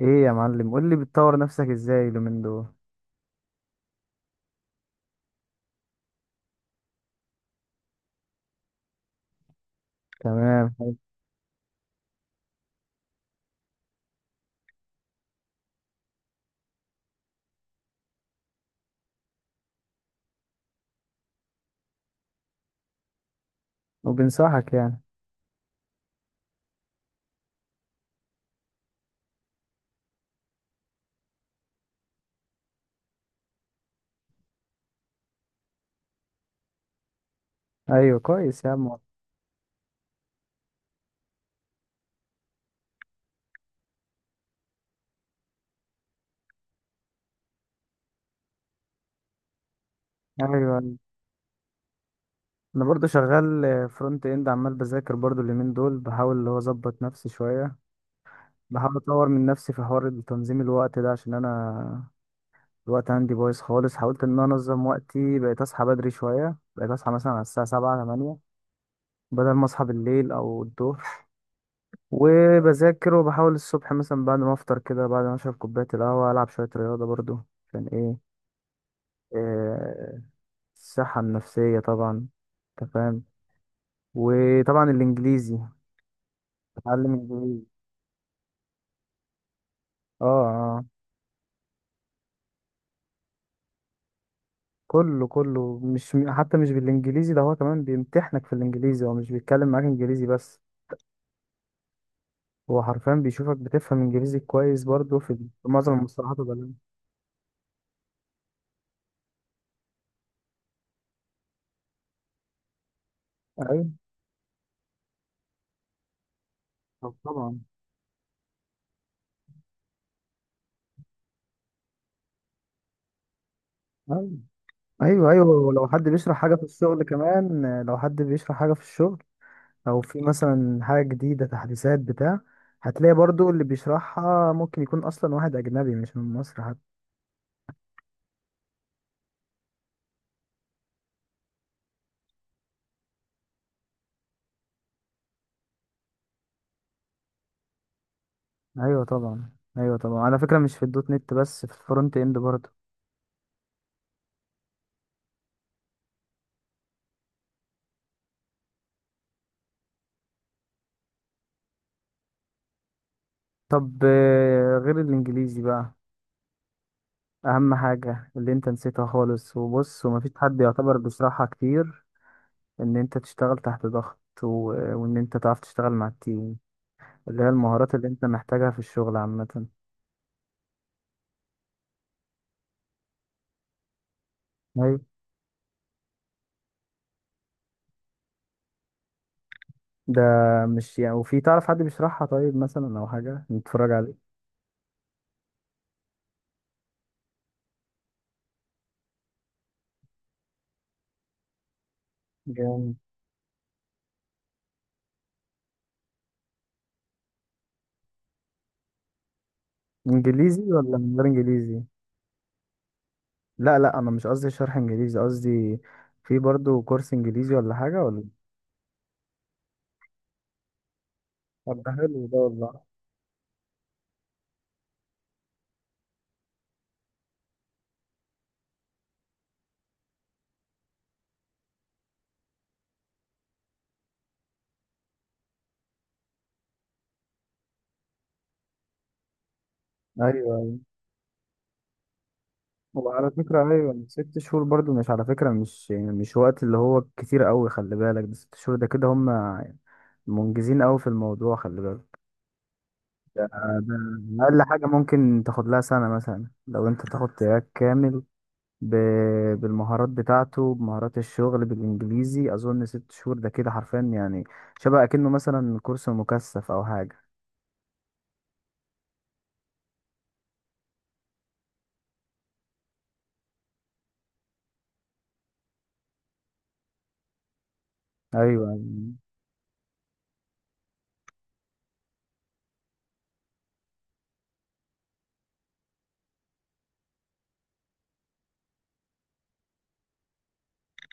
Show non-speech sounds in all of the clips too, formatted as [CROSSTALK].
ايه يا معلم، قول لي بتطور نفسك ازاي اليومين دول. تمام حلو. وبنصحك يعني ايوه كويس يا عم. ايوه، أيوة. انا برضو شغال فرونت اند، عمال بذاكر برضو اليومين دول. بحاول اللي هو اظبط نفسي شويه، بحاول اطور من نفسي في حوار تنظيم الوقت ده، عشان انا الوقت عندي بايظ خالص. حاولت ان انا انظم وقتي، بقيت اصحى بدري شويه، بقيت اصحى مثلا على الساعه 7 8 بدل ما اصحى بالليل او الظهر. وبذاكر وبحاول الصبح مثلا بعد ما افطر كده، بعد ما اشرب كوبايه القهوه، العب شويه رياضه برضو. عشان ايه؟ آه، الصحه النفسيه طبعا. انت فاهم. وطبعا الانجليزي، اتعلم انجليزي. اه اه. كله مش، حتى مش بالانجليزي، ده هو كمان بيمتحنك في الانجليزي، هو مش بيتكلم معاك انجليزي بس، هو حرفيا بيشوفك بتفهم انجليزي كويس برضو في معظم المصطلحات والبلاغة. ايوه. طب طبعا. ايوه ايوه ايوه، ولو حد بيشرح حاجه في الشغل كمان، لو حد بيشرح حاجه في الشغل او في مثلا حاجه جديده تحديثات بتاع، هتلاقي برضو اللي بيشرحها ممكن يكون اصلا واحد اجنبي مش من مصر حتى. ايوه طبعا. ايوه طبعا، على فكره مش في الدوت نت بس، في الفرونت اند برضو. طب غير الانجليزي بقى، اهم حاجه اللي انت نسيتها خالص، وبص، ومفيش حد يعتبر بيشرحها كتير، ان انت تشتغل تحت ضغط وان انت تعرف تشتغل مع التيم، اللي هي المهارات اللي انت محتاجها في الشغل عامه. أيوة. ده مش يعني، وفي تعرف حد بيشرحها طيب مثلا أو حاجة نتفرج عليه؟ جامد. إنجليزي ولا من غير إنجليزي؟ لا لا، أنا مش قصدي شرح إنجليزي، قصدي في برضو كورس إنجليزي ولا حاجة ولا؟ طب ده حلو ده والله. ايوه ايوه. وعلى فكره ايوه، ست شهور برضو، مش على فكره، مش يعني، مش وقت اللي هو كتير قوي، خلي بالك ده ست شهور، ده كده هم منجزين قوي في الموضوع، خلي بالك. ده, ده اقل حاجه ممكن تاخد لها سنه مثلا لو انت تاخد تراك كامل بالمهارات بتاعته، بمهارات الشغل بالانجليزي، اظن ست شهور ده كده حرفيا يعني شبه اكنه مثلا كورس مكثف او حاجه. ايوه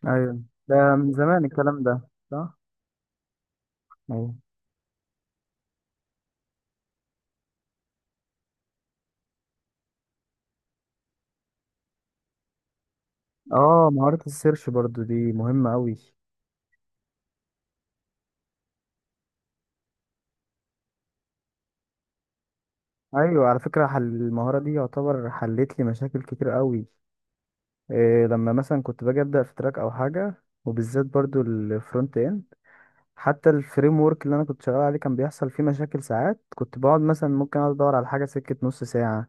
ايوه. ده من زمان الكلام ده، صح. ايوه. اه، مهاره السيرش برضو دي مهمه قوي. ايوه على فكره، حل المهاره دي يعتبر حلت لي مشاكل كتير قوي. إيه لما مثلا كنت باجي ابدا في تراك او حاجه، وبالذات برضو الفرونت اند، حتى الفريم ورك اللي انا كنت شغال عليه كان بيحصل فيه مشاكل. ساعات كنت بقعد مثلا، ممكن اقعد ادور على حاجه سكه نص ساعه،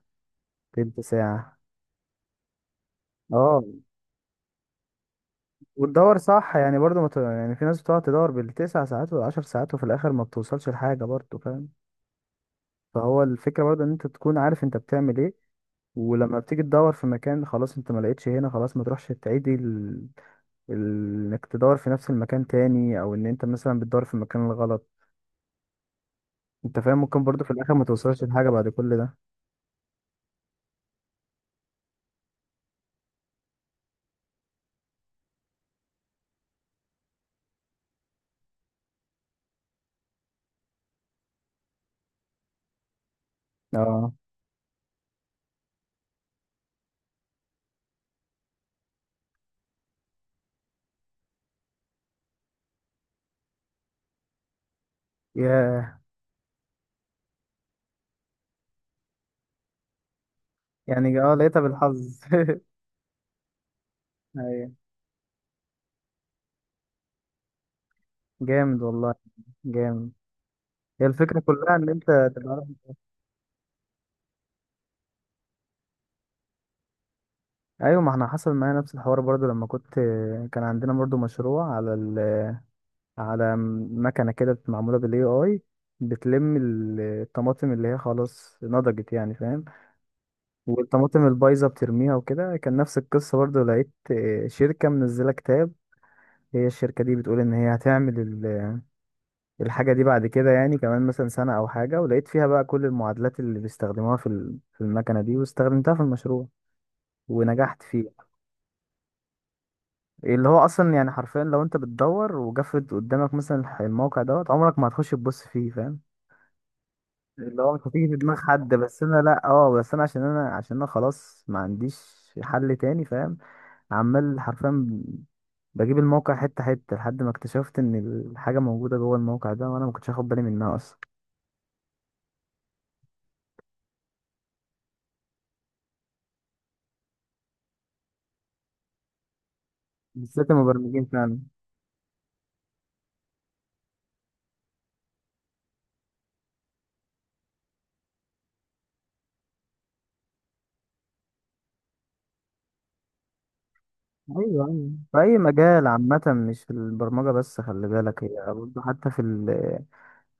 تلت ساعه. اه. وتدور صح يعني، برضه ما ت... يعني في ناس بتقعد تدور بالتسع ساعات والعشر ساعات وفي الاخر ما بتوصلش لحاجه، برضه فاهم. فهو الفكره برضه ان انت تكون عارف انت بتعمل ايه، ولما بتيجي تدور في مكان خلاص انت ما لقيتش هنا خلاص، ما تروحش تعيدي ال... ال... انك تدور في نفس المكان تاني، او ان انت مثلا بتدور في المكان الغلط، انت فاهم، ممكن برضه في الاخر ما توصلش لحاجه بعد كل ده. اه. ياه. يعني اه، لقيتها بالحظ. [LAUGHS] ايوه. جامد والله. جامد. هي الفكرة كلها ان انت تبقى ايوه، ما احنا حصل معايا نفس الحوار برضو لما كنت، كان عندنا برضو مشروع على ال... على مكنة كده معمولة بالاي اي، بتلم الطماطم اللي هي خلاص نضجت يعني، فاهم، والطماطم البايظة بترميها وكده. كان نفس القصة برضو، لقيت شركة منزلة كتاب، هي الشركة دي بتقول ان هي هتعمل الحاجة دي بعد كده يعني، كمان مثلا سنة أو حاجة، ولقيت فيها بقى كل المعادلات اللي بيستخدموها في في المكنة دي، واستخدمتها في المشروع ونجحت فيه. اللي هو أصلا يعني حرفيا لو أنت بتدور وجفت قدامك مثلا الموقع دوت، عمرك ما هتخش تبص فيه، فاهم. اللي هو مش هتيجي في دماغ حد، بس أنا لأ، اه، بس أنا عشان أنا، عشان أنا خلاص ما عنديش حل تاني، فاهم. عمال حرفيا بجيب الموقع حتة حتة لحد ما اكتشفت إن الحاجة موجودة جوه الموقع ده وأنا ما كنتش واخد بالي منها أصلا. بالذات المبرمجين فعلا. ايوه أيوة. في اي مجال عامه، مش في البرمجه بس، خلي بالك، هي برضه حتى في ال،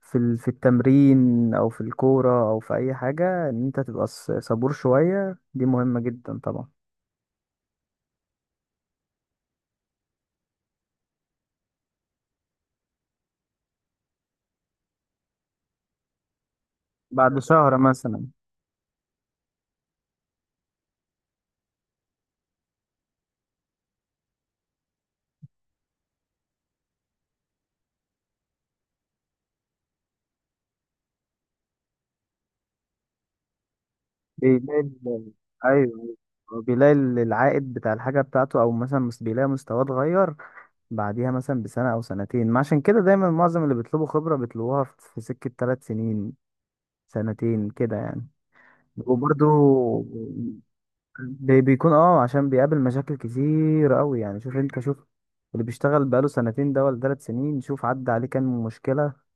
في التمرين او في الكوره او في اي حاجه، ان انت تبقى صبور شويه، دي مهمه جدا طبعا. بعد شهر مثلا. بيلاقي ايوه، هو بيلاقي العائد بتاع الحاجه بتاعته، او مثلا بيلاقي مستواه اتغير بعديها مثلا بسنه او سنتين. ما عشان كده دايما معظم اللي بيطلبوا خبره بيطلبوها في في سكه ثلاث سنين، سنتين كده يعني. وبرضو بيكون اه، عشان بيقابل مشاكل كتير قوي، يعني شوف انت، شوف اللي بيشتغل بقاله سنتين ده ولا ثلاث سنين، شوف عدى عليه كام مشكلة،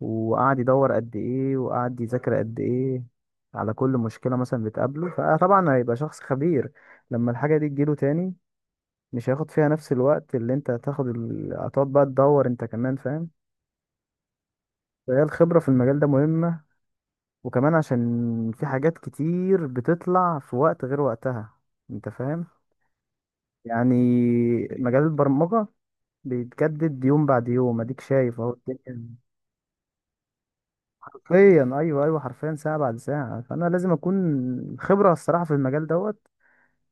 وقعد يدور قد ايه، وقعد يذاكر قد ايه على كل مشكلة مثلا بتقابله، فطبعا هيبقى شخص خبير. لما الحاجة دي تجيله تاني مش هياخد فيها نفس الوقت اللي انت هتاخد ال... هتقعد بقى تدور انت كمان، فاهم. فهي الخبرة في المجال ده مهمة، وكمان عشان في حاجات كتير بتطلع في وقت غير وقتها، انت فاهم، يعني مجال البرمجة بيتجدد يوم بعد يوم، اديك شايف اهو الدنيا حرفيا، ايوه ايوه، حرفيا ساعة بعد ساعة، فانا لازم اكون، خبرة الصراحة في المجال دوت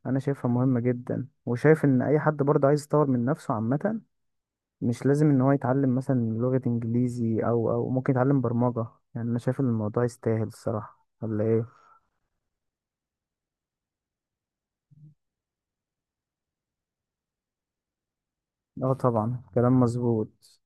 انا شايفها مهمة جدا، وشايف ان اي حد برضه عايز يطور من نفسه عامة، مش لازم ان هو يتعلم مثلا لغة انجليزي، او او ممكن يتعلم برمجة، يعني انا شايف ان الموضوع يستاهل الصراحة، ولا ايه؟ اه طبعا، كلام مظبوط.